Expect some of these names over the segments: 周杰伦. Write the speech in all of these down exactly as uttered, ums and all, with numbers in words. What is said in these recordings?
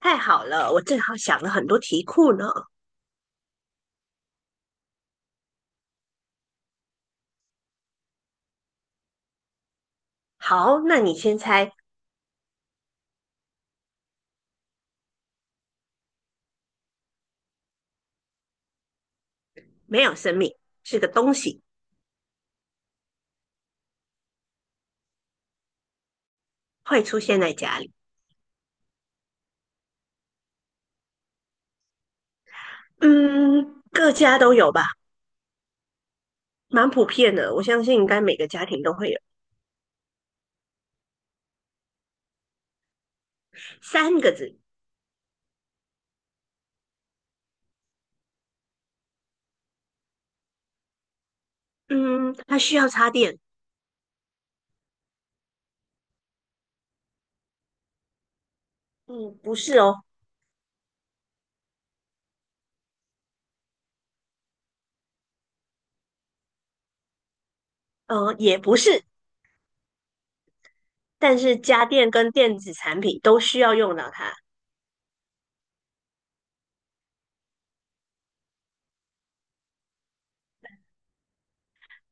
太好了，我正好想了很多题库呢。好，那你先猜，没有生命，是个东西，会出现在家里。嗯，各家都有吧，蛮普遍的。我相信应该每个家庭都会有。三个字。嗯，它需要插电。嗯，不是哦。呃，也不是，但是家电跟电子产品都需要用到它。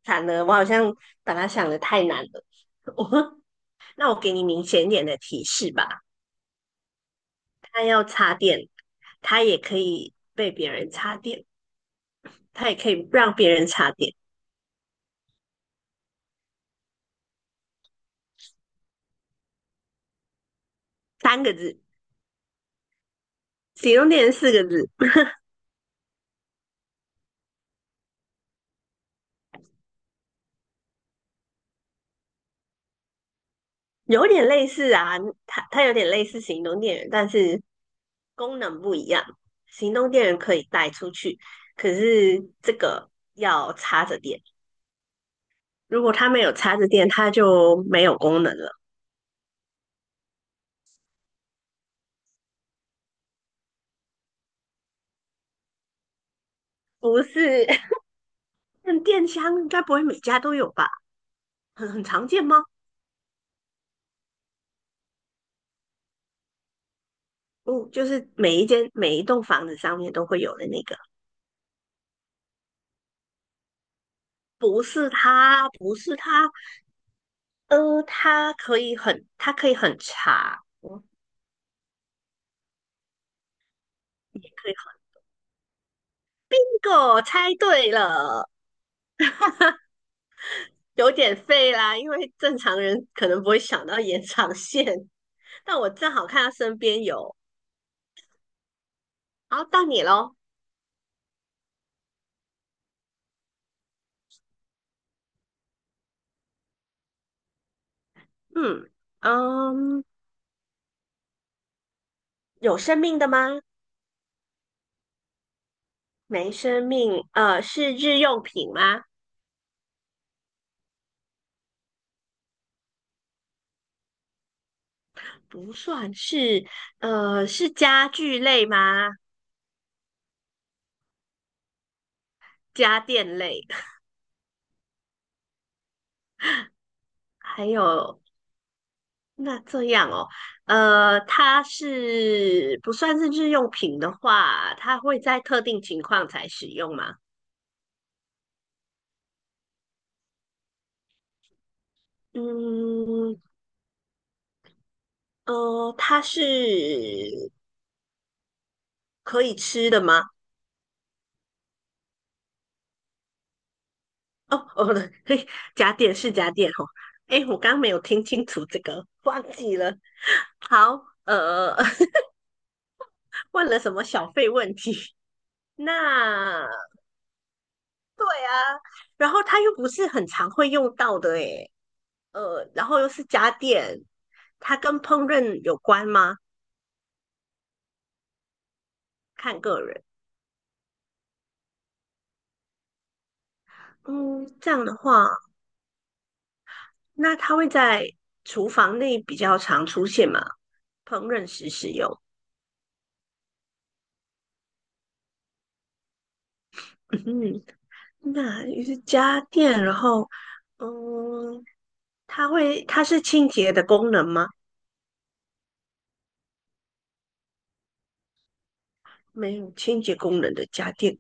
惨了，我好像把它想的太难了。我，那我给你明显一点的提示吧。他要插电，他也可以被别人插电，他也可以让别人插电。三个字，行动电源四个字。有点类似啊，它它有点类似行动电源，但是功能不一样。行动电源可以带出去，可是这个要插着电，如果它没有插着电，它就没有功能了。不是，那电箱应该不会每家都有吧？很很常见吗？哦，就是每一间每一栋房子上面都会有的那个。不是他，不是他。呃，它可以很，它可以很长，也可以很。这个我猜对了，有点废啦，因为正常人可能不会想到延长线，但我正好看到身边有。好，到你喽。嗯嗯，有生命的吗？没生命。呃，是日用品吗？不算是。呃，是家具类吗？家电类。还有那这样哦。呃，它是不算是日用品的话，它会在特定情况才使用吗？嗯。呃，它是可以吃的吗？哦哦，不对，嘿，假点是假点哦。诶，我刚刚没有听清楚这个，忘记了。好。呃，问了什么小费问题？那然后它又不是很常会用到的，诶。呃，然后又是家电，它跟烹饪有关吗？看个人。嗯，这样的话，那它会在厨房内比较常出现嘛？烹饪时使用。嗯，那也是家电，然后嗯，它会它是清洁的功能吗？没有清洁功能的家电，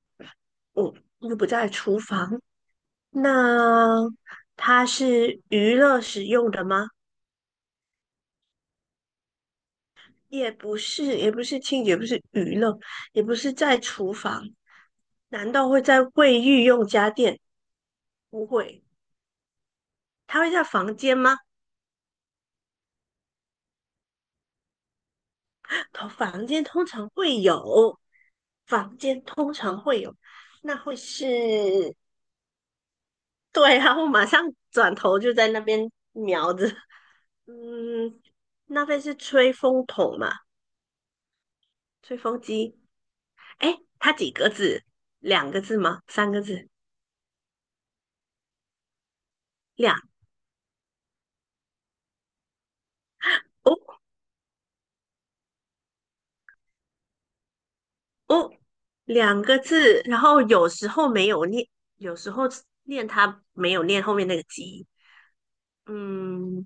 嗯，又不在厨房。那它是娱乐使用的吗？也不是，也不是清洁，也不是娱乐，也不是在厨房，难道会在卫浴用家电？不会，它会在房间吗？通房间通常会有，房间通常会有，那会是，对然后马上转头就在那边瞄着，嗯，那会是吹风筒嘛？吹风机？哎，它几个字？两个字吗？三个字？两哦，哦，两个字，然后有时候没有念，有时候念它没有念后面那个机。嗯，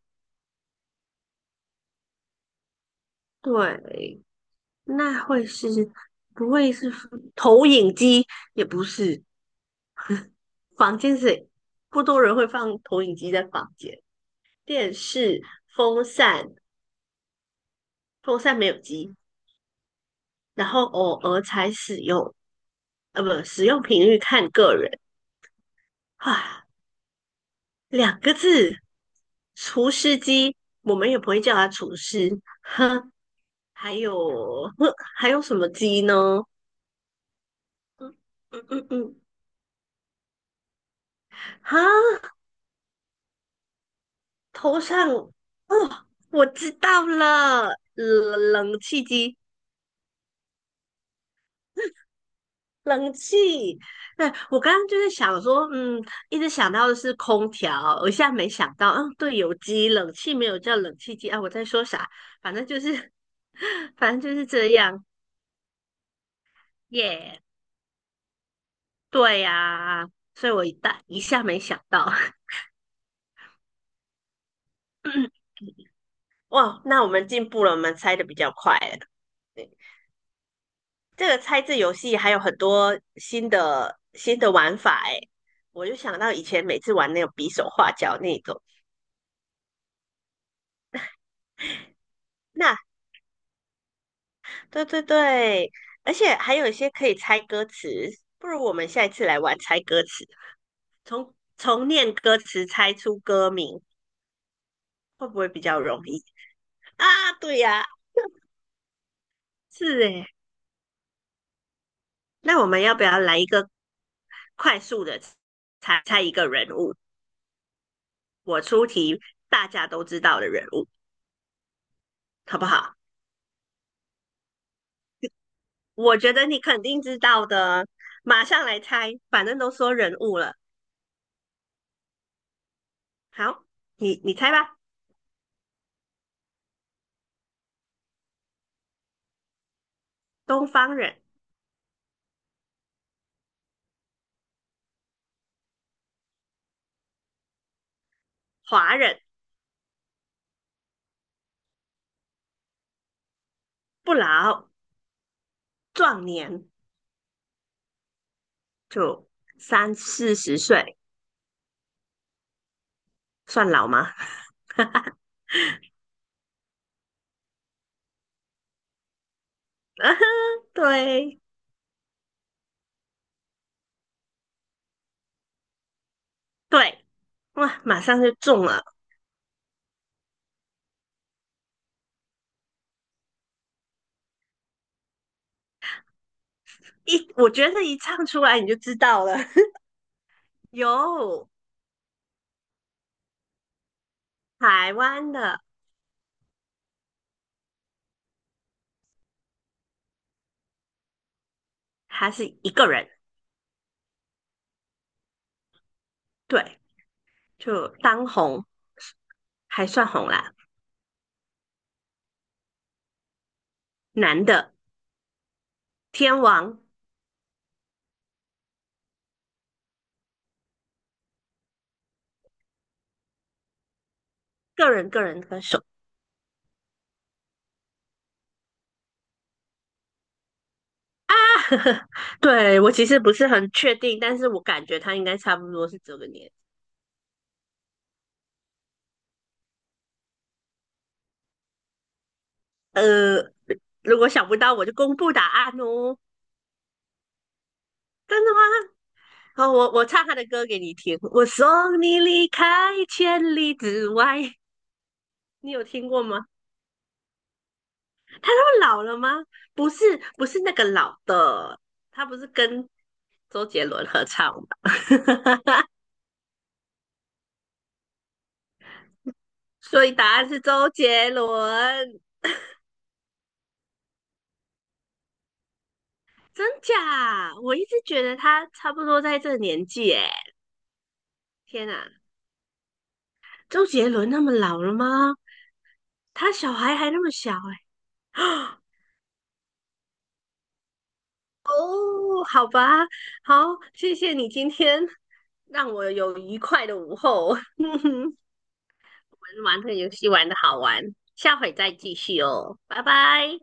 对，那会是，不会是投影机？也不是，房间是不多人会放投影机在房间，电视、风扇，风扇没有机，然后偶尔才使用。呃，不，使用频率看个人。唉，两个字，厨师机，我们也不会叫它厨师。哼，还有，哼还有什么机呢？嗯嗯嗯嗯，哈，头上，哦，我知道了，冷冷气机，冷气。对，我刚刚就是想说，嗯，一直想到的是空调，我现在没想到，嗯，对，有机冷气没有叫冷气机啊，我在说啥？反正就是，反正就是这样，耶、对呀、所以我一大一下没想到，哇，那我们进步了，我们猜的比较快了。对，这个猜字游戏还有很多新的新的玩法哎，我就想到以前每次玩那种比手画脚那种。那对对对，而且还有一些可以猜歌词，不如我们下一次来玩猜歌词，从念歌词猜出歌名，会不会比较容易啊？对呀、是诶，那我们要不要来一个快速的猜猜一个人物，我出题大家都知道的人物，好不好？我觉得你肯定知道的，马上来猜，反正都说人物了。好，你你猜吧，东方人、华人、不老、壮年，就三四十岁，算老吗？对对，哇，马上就中了，一我觉得一唱出来你就知道了，有台湾的，还是一个人，对，就当红还算红啦，男的天王，个人个人歌手啊，对我其实不是很确定，但是我感觉他应该差不多是这个年。呃，如果想不到我就公布答案哦，真的吗？哦，我我唱他的歌给你听，我送你离开千里之外，你有听过吗？他老了吗？不是，不是那个老的，他不是跟周杰伦合唱的。所以答案是周杰伦，真假？我一直觉得他差不多在这个年纪，诶，天哪，周杰伦那么老了吗？他小孩还那么小，诶，哦，好吧，好，谢谢你今天让我有愉快的午后，玩玩这个游戏玩的好玩，下回再继续哦，拜拜。